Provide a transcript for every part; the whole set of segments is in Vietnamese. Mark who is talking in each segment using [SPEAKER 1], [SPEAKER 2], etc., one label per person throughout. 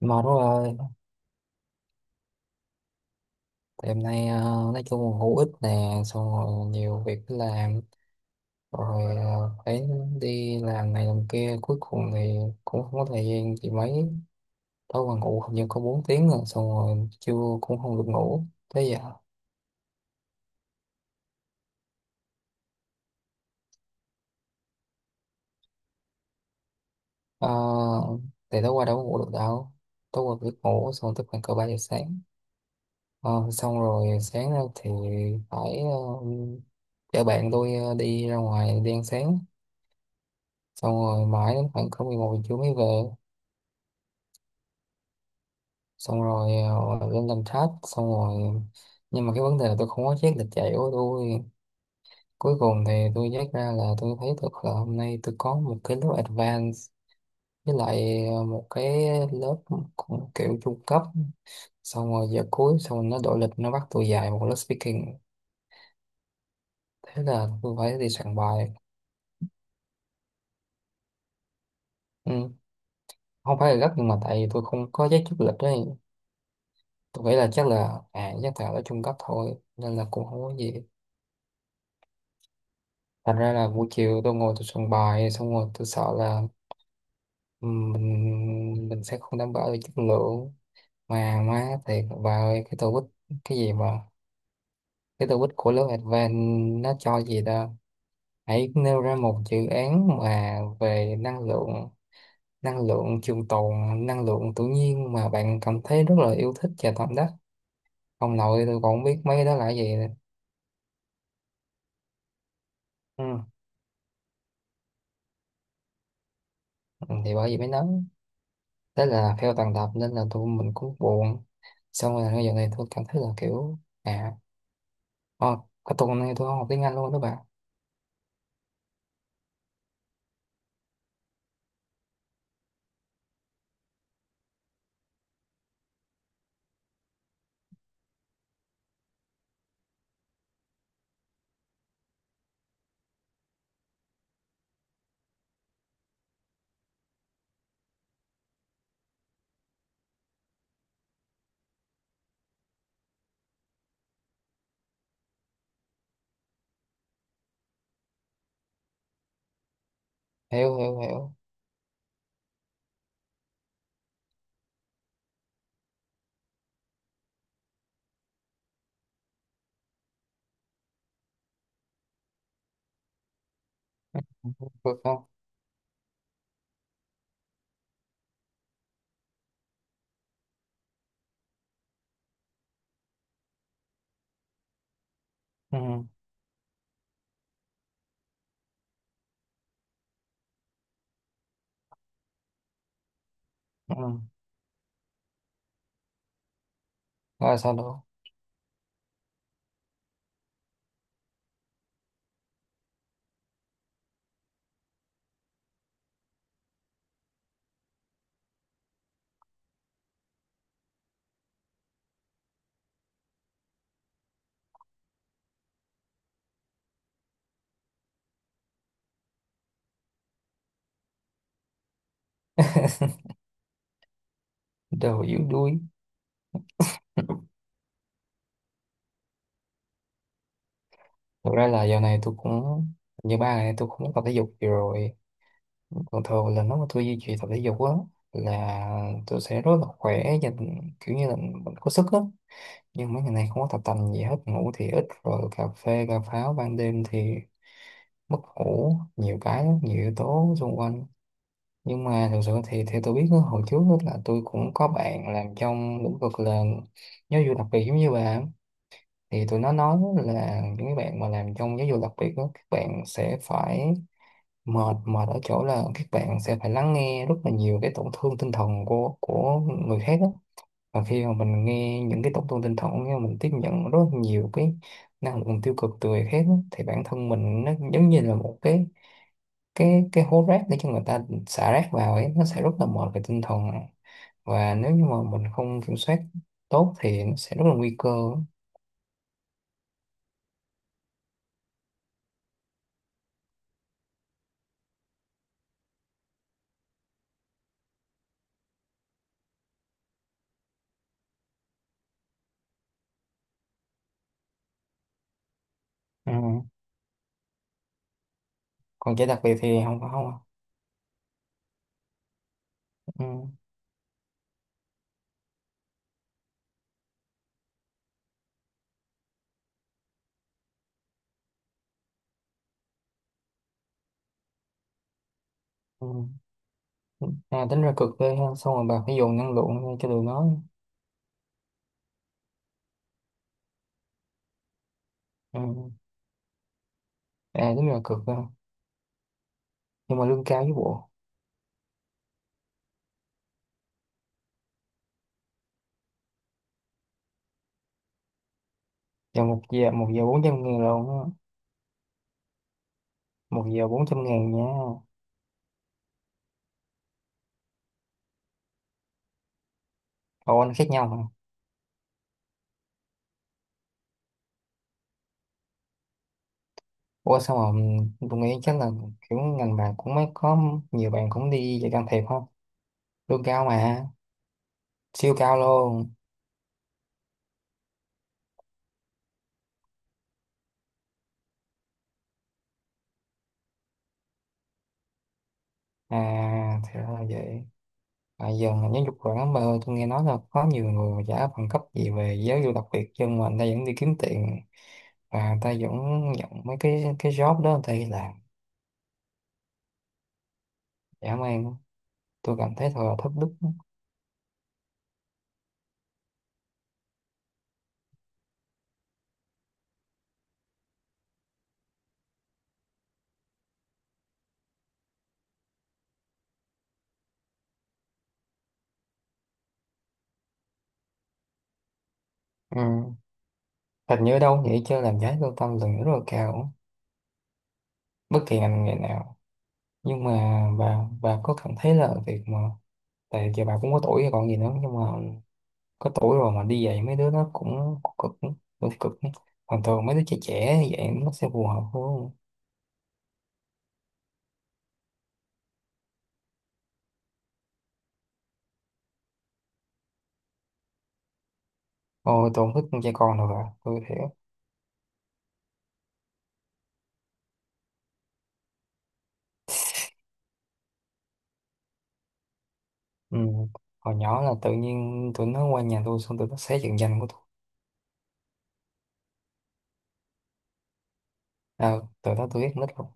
[SPEAKER 1] Mệt quá rồi. Đêm nay nói chung là hữu ích nè, xong rồi nhiều việc phải làm rồi, phải đi làm này làm kia, cuối cùng thì cũng không có thời gian thì mấy. Tối qua ngủ hình như có 4 tiếng, rồi xong rồi trưa cũng không được ngủ. Thế giờ ờ, thì tối qua đâu có ngủ được đâu, tối qua biết ngủ xong tới khoảng cỡ 3 giờ sáng. Ờ, xong rồi sáng ra thì phải chở bạn tôi đi ra ngoài đi ăn sáng, xong rồi mãi đến khoảng cỡ 11 giờ trưa mới về. Xong rồi lên làm thách, xong rồi nhưng mà cái vấn đề là tôi không có check lịch chạy của tôi. Cuối cùng thì tôi check ra, là tôi thấy được là hôm nay tôi có một cái lớp advance với lại một cái lớp cũng kiểu trung cấp. Xong rồi giờ cuối xong rồi nó đổi lịch, nó bắt tôi dạy một lớp speaking, thế là tôi phải đi soạn bài. Ừ. Không phải là gấp nhưng mà tại vì tôi không có check trước lịch đấy. Tôi nghĩ là chắc là chắc là ở trung cấp thôi nên là cũng không có gì. Thành ra là buổi chiều tôi ngồi tôi soạn bài, xong rồi tôi sợ là mình sẽ không đảm bảo được chất lượng. Mà má thiệt bà ơi, cái tô bích cái gì mà cái tô bích của lớp Advanced, nó cho gì đó, hãy nêu ra một dự án mà về năng lượng, năng lượng trường tồn, năng lượng tự nhiên mà bạn cảm thấy rất là yêu thích và tâm đắc. Ông nội tôi còn không biết mấy cái đó là cái gì nữa. Ừ. Thì bởi vì mới nói, thế là theo tầng tập nên là tụi mình cũng buồn. Xong rồi bây giờ này tôi cảm thấy là kiểu à, oh, cái tuần này tôi không học tiếng Anh luôn đó bạn. Hiểu, hiểu, hiểu. Được không? Ừ, ừ. Rồi sao đó? Đầu yếu đuối. Thực ra là giờ này tôi cũng như 3 ngày nay, tôi cũng muốn tập thể dục nhiều rồi. Còn thường là nếu mà tôi duy trì tập thể dục á, là tôi sẽ rất là khỏe và kiểu như là mình có sức á. Nhưng mấy ngày nay không có tập tành gì hết, ngủ thì ít, rồi cà phê cà pháo ban đêm thì mất ngủ nhiều cái lắm, nhiều yếu tố xung quanh. Nhưng mà thực sự thì theo tôi biết á, hồi trước á là tôi cũng có bạn làm trong lĩnh vực là giáo dục đặc biệt giống như bà á. Thì tụi nó nói là những cái bạn mà làm trong giáo dục đặc biệt đó, các bạn sẽ phải mệt, mệt ở chỗ là các bạn sẽ phải lắng nghe rất là nhiều cái tổn thương tinh thần của người khác á. Và khi mà mình nghe những cái tốt thông tin thật, nhưng mà mình tiếp nhận rất nhiều cái năng lượng tiêu cực từ người khác á, thì bản thân mình nó giống như là một cái hố rác để cho người ta xả rác vào ấy, nó sẽ rất là mệt về tinh thần. Và nếu như mà mình không kiểm soát tốt thì nó sẽ rất là nguy cơ. Ừ. Còn trẻ đặc biệt thì không có không. Ừ. Ừ. À, tính ra cực ghê ha, xong rồi bà phải dồn năng lượng ra cho tụi nó. Ừ. À tính ra cực ha. Nhưng mà lương cao với bộ. Giờ một giờ, một giờ 400 ngàn rồi. Một giờ bốn trăm ngàn nha. Ồ anh khác nhau mà. Ủa sao mà tôi nghĩ chắc là kiểu ngành bạn cũng mới có nhiều bạn cũng đi dạy can thiệp không, lương cao mà, siêu cao luôn. À thì ra là vậy. À, giờ ngành giáo dục quản mà, tôi nghe nói là có nhiều người mà trả bằng cấp gì về giáo dục đặc biệt, nhưng mà người ta vẫn đi kiếm tiền và người ta vẫn nhận mấy cái job đó, người ta đi làm. Dã man. Tôi cảm thấy thật là thất đức. Ừ. Hình như ở đâu vậy chứ làm giá lương tâm là rất là cao, bất kỳ ngành nghề nào. Nhưng mà bà có cảm thấy là việc mà tại giờ bà cũng có tuổi rồi còn gì nữa, nhưng mà có tuổi rồi mà đi dạy mấy đứa nó cũng cực, cũng cực ấy. Còn thường mấy đứa trẻ, trẻ như vậy nó sẽ phù hợp hơn. Ôi tôi không thích con đâu bà, tôi thế. Ừ. Hồi nhỏ là tự nhiên tụi nó qua nhà tôi xong tụi nó xé trận danh của tôi. À, từ đó tôi biết nít rồi.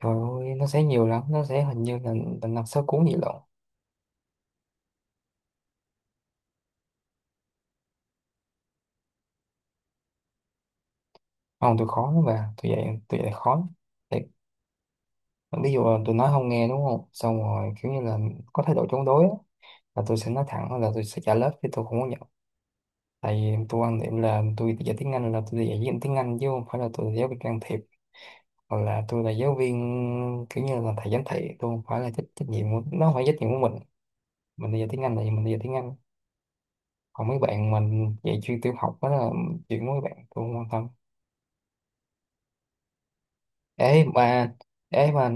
[SPEAKER 1] Trời ơi nó xé nhiều lắm, nó xé hình như là 5 6 cuốn gì lận. Không, tôi khó lắm bà, tôi dạy khó. Ví dụ là tôi nói không nghe, đúng không, xong rồi kiểu như là có thái độ chống đối á, là tôi sẽ nói thẳng là tôi sẽ trả lớp chứ tôi không có nhận. Tại vì tôi quan điểm là tôi dạy tiếng Anh là tôi dạy giáo viên tiếng Anh, chứ không phải là tôi là giáo viên can thiệp, hoặc là tôi là giáo viên kiểu như là thầy giám thị. Tôi không phải là trách nhiệm của nó không phải trách nhiệm của mình. Mình đi dạy tiếng Anh là mình đi dạy tiếng Anh, còn mấy bạn mình dạy chuyên tiểu học đó là chuyện của mấy bạn, tôi không quan tâm. Ê bà, ê bà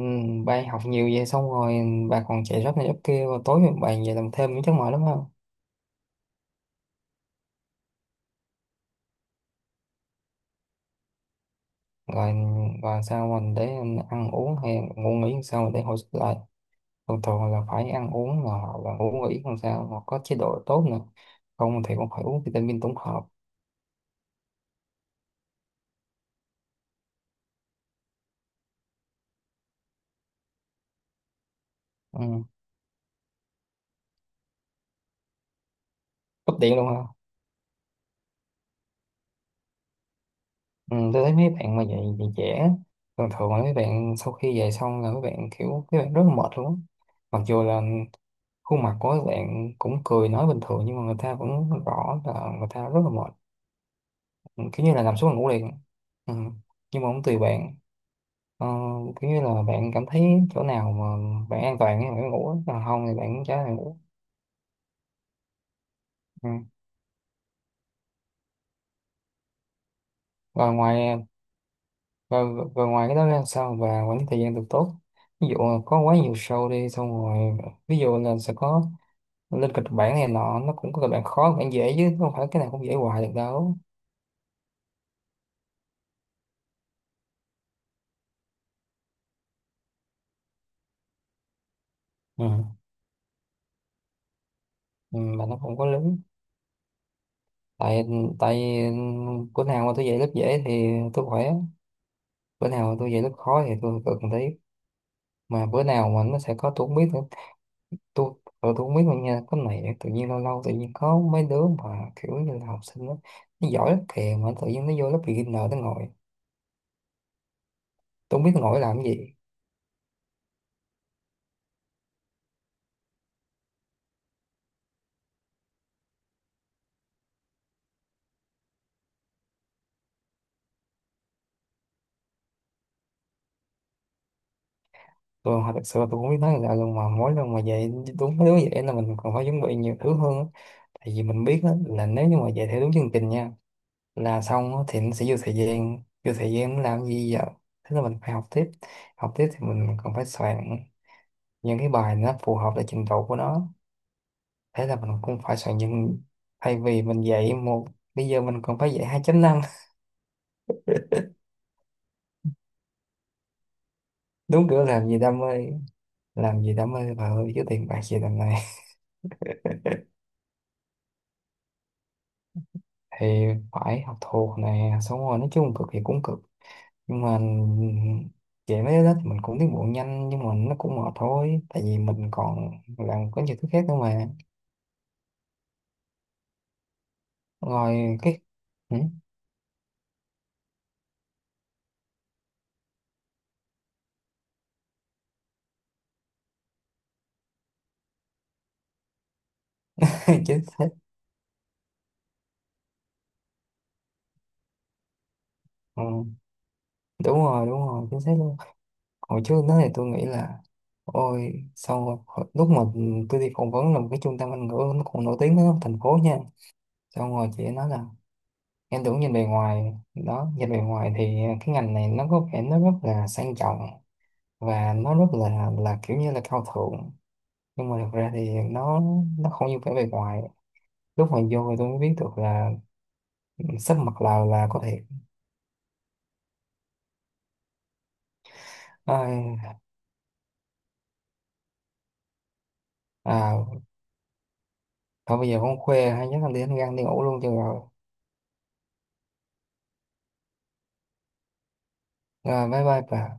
[SPEAKER 1] bà học nhiều vậy xong rồi bà còn chạy job này job kia, rồi tối bà về làm thêm những chắc mỏi lắm ha. Rồi và sao mình để ăn uống hay ngủ nghỉ, làm sao mình để hồi sức lại. Thường thường là phải ăn uống là hoặc là ngủ nghỉ làm sao mà có chế độ tốt nữa, không thì cũng phải uống vitamin tổng hợp. Ừ. Cấp điện luôn ha. Ừ, tôi thấy mấy bạn mà dậy dậy trễ, thường thường là mấy bạn sau khi dậy xong là mấy bạn kiểu mấy bạn rất là mệt luôn á. Mặc dù là khuôn mặt của các bạn cũng cười nói bình thường, nhưng mà người ta vẫn rõ là người ta rất là mệt, kiểu như là nằm xuống là ngủ liền. Ừ. Nhưng mà cũng tùy bạn. Ờ, kiểu như là bạn cảm thấy chỗ nào mà bạn an toàn thì bạn ngủ, còn không thì bạn chả là ngủ. Ừ. rồi ngoài Rồi, ngoài cái đó ra sao và quản lý thời gian được tốt. Ví dụ là có quá nhiều show đi, xong rồi ví dụ là sẽ có lên kịch bản này nọ, nó cũng có kịch bản khó kịch bản dễ chứ không phải cái nào cũng dễ hoài được đâu. Ừ. Ừ, mà nó không có lớn. Tại tại bữa nào mà tôi dạy lớp dễ thì tôi khỏe, bữa nào mà tôi dạy lớp khó thì tôi cực một tí, mà bữa nào mà nó sẽ có tôi không biết. Tôi tôi tôi không biết mà nha, cái này tự nhiên lâu lâu tự nhiên có mấy đứa mà kiểu như là học sinh đó, nó giỏi lắm kìa mà tự nhiên nó vô lớp beginner nó ngồi, tôi không biết nó ngồi làm cái gì. Tôi thật sự là tôi không biết nói là luôn mà mỗi lần mà vậy, đúng mấy đứa vậy là mình còn phải chuẩn bị nhiều thứ hơn á. Tại vì mình biết đó, là nếu như mà vậy theo đúng chương trình nha, là xong á thì nó sẽ vô thời gian, vô thời gian nó làm gì giờ. Thế là mình phải học tiếp, học tiếp thì mình còn phải soạn những cái bài nó phù hợp với trình độ của nó. Thế là mình cũng phải soạn những, thay vì mình dạy một, bây giờ mình còn phải dạy 2.5. Đúng kiểu làm gì đam mê, làm gì đam mê bà ơi chứ tiền bạc gì đằng này. Thì phải học thuộc nè, xong rồi nói chung cực thì cũng cực, nhưng mà dạy mấy cái đó thì mình cũng tiến bộ nhanh, nhưng mà nó cũng mệt thôi tại vì mình còn làm có nhiều thứ khác nữa mà. Rồi cái ừ, chính xác. Ừ, đúng rồi đúng rồi, chính xác luôn. Hồi trước đó thì tôi nghĩ là ôi xong rồi lúc mà tôi đi phỏng vấn là một cái trung tâm Anh ngữ nó còn nổi tiếng ở thành phố nha, xong rồi chị ấy nói là em tưởng nhìn bề ngoài đó, nhìn bề ngoài thì cái ngành này nó có vẻ nó rất là sang trọng và nó rất là kiểu như là cao thượng, nhưng mà thực ra thì nó không như vẻ bề ngoài. Lúc mà vô thì tôi mới biết được là sắp mặt là có thiệt. à, à Thôi bây giờ không khoe hay nhất là đi ăn gan đi ngủ luôn cho rồi. Rồi bye bye bà.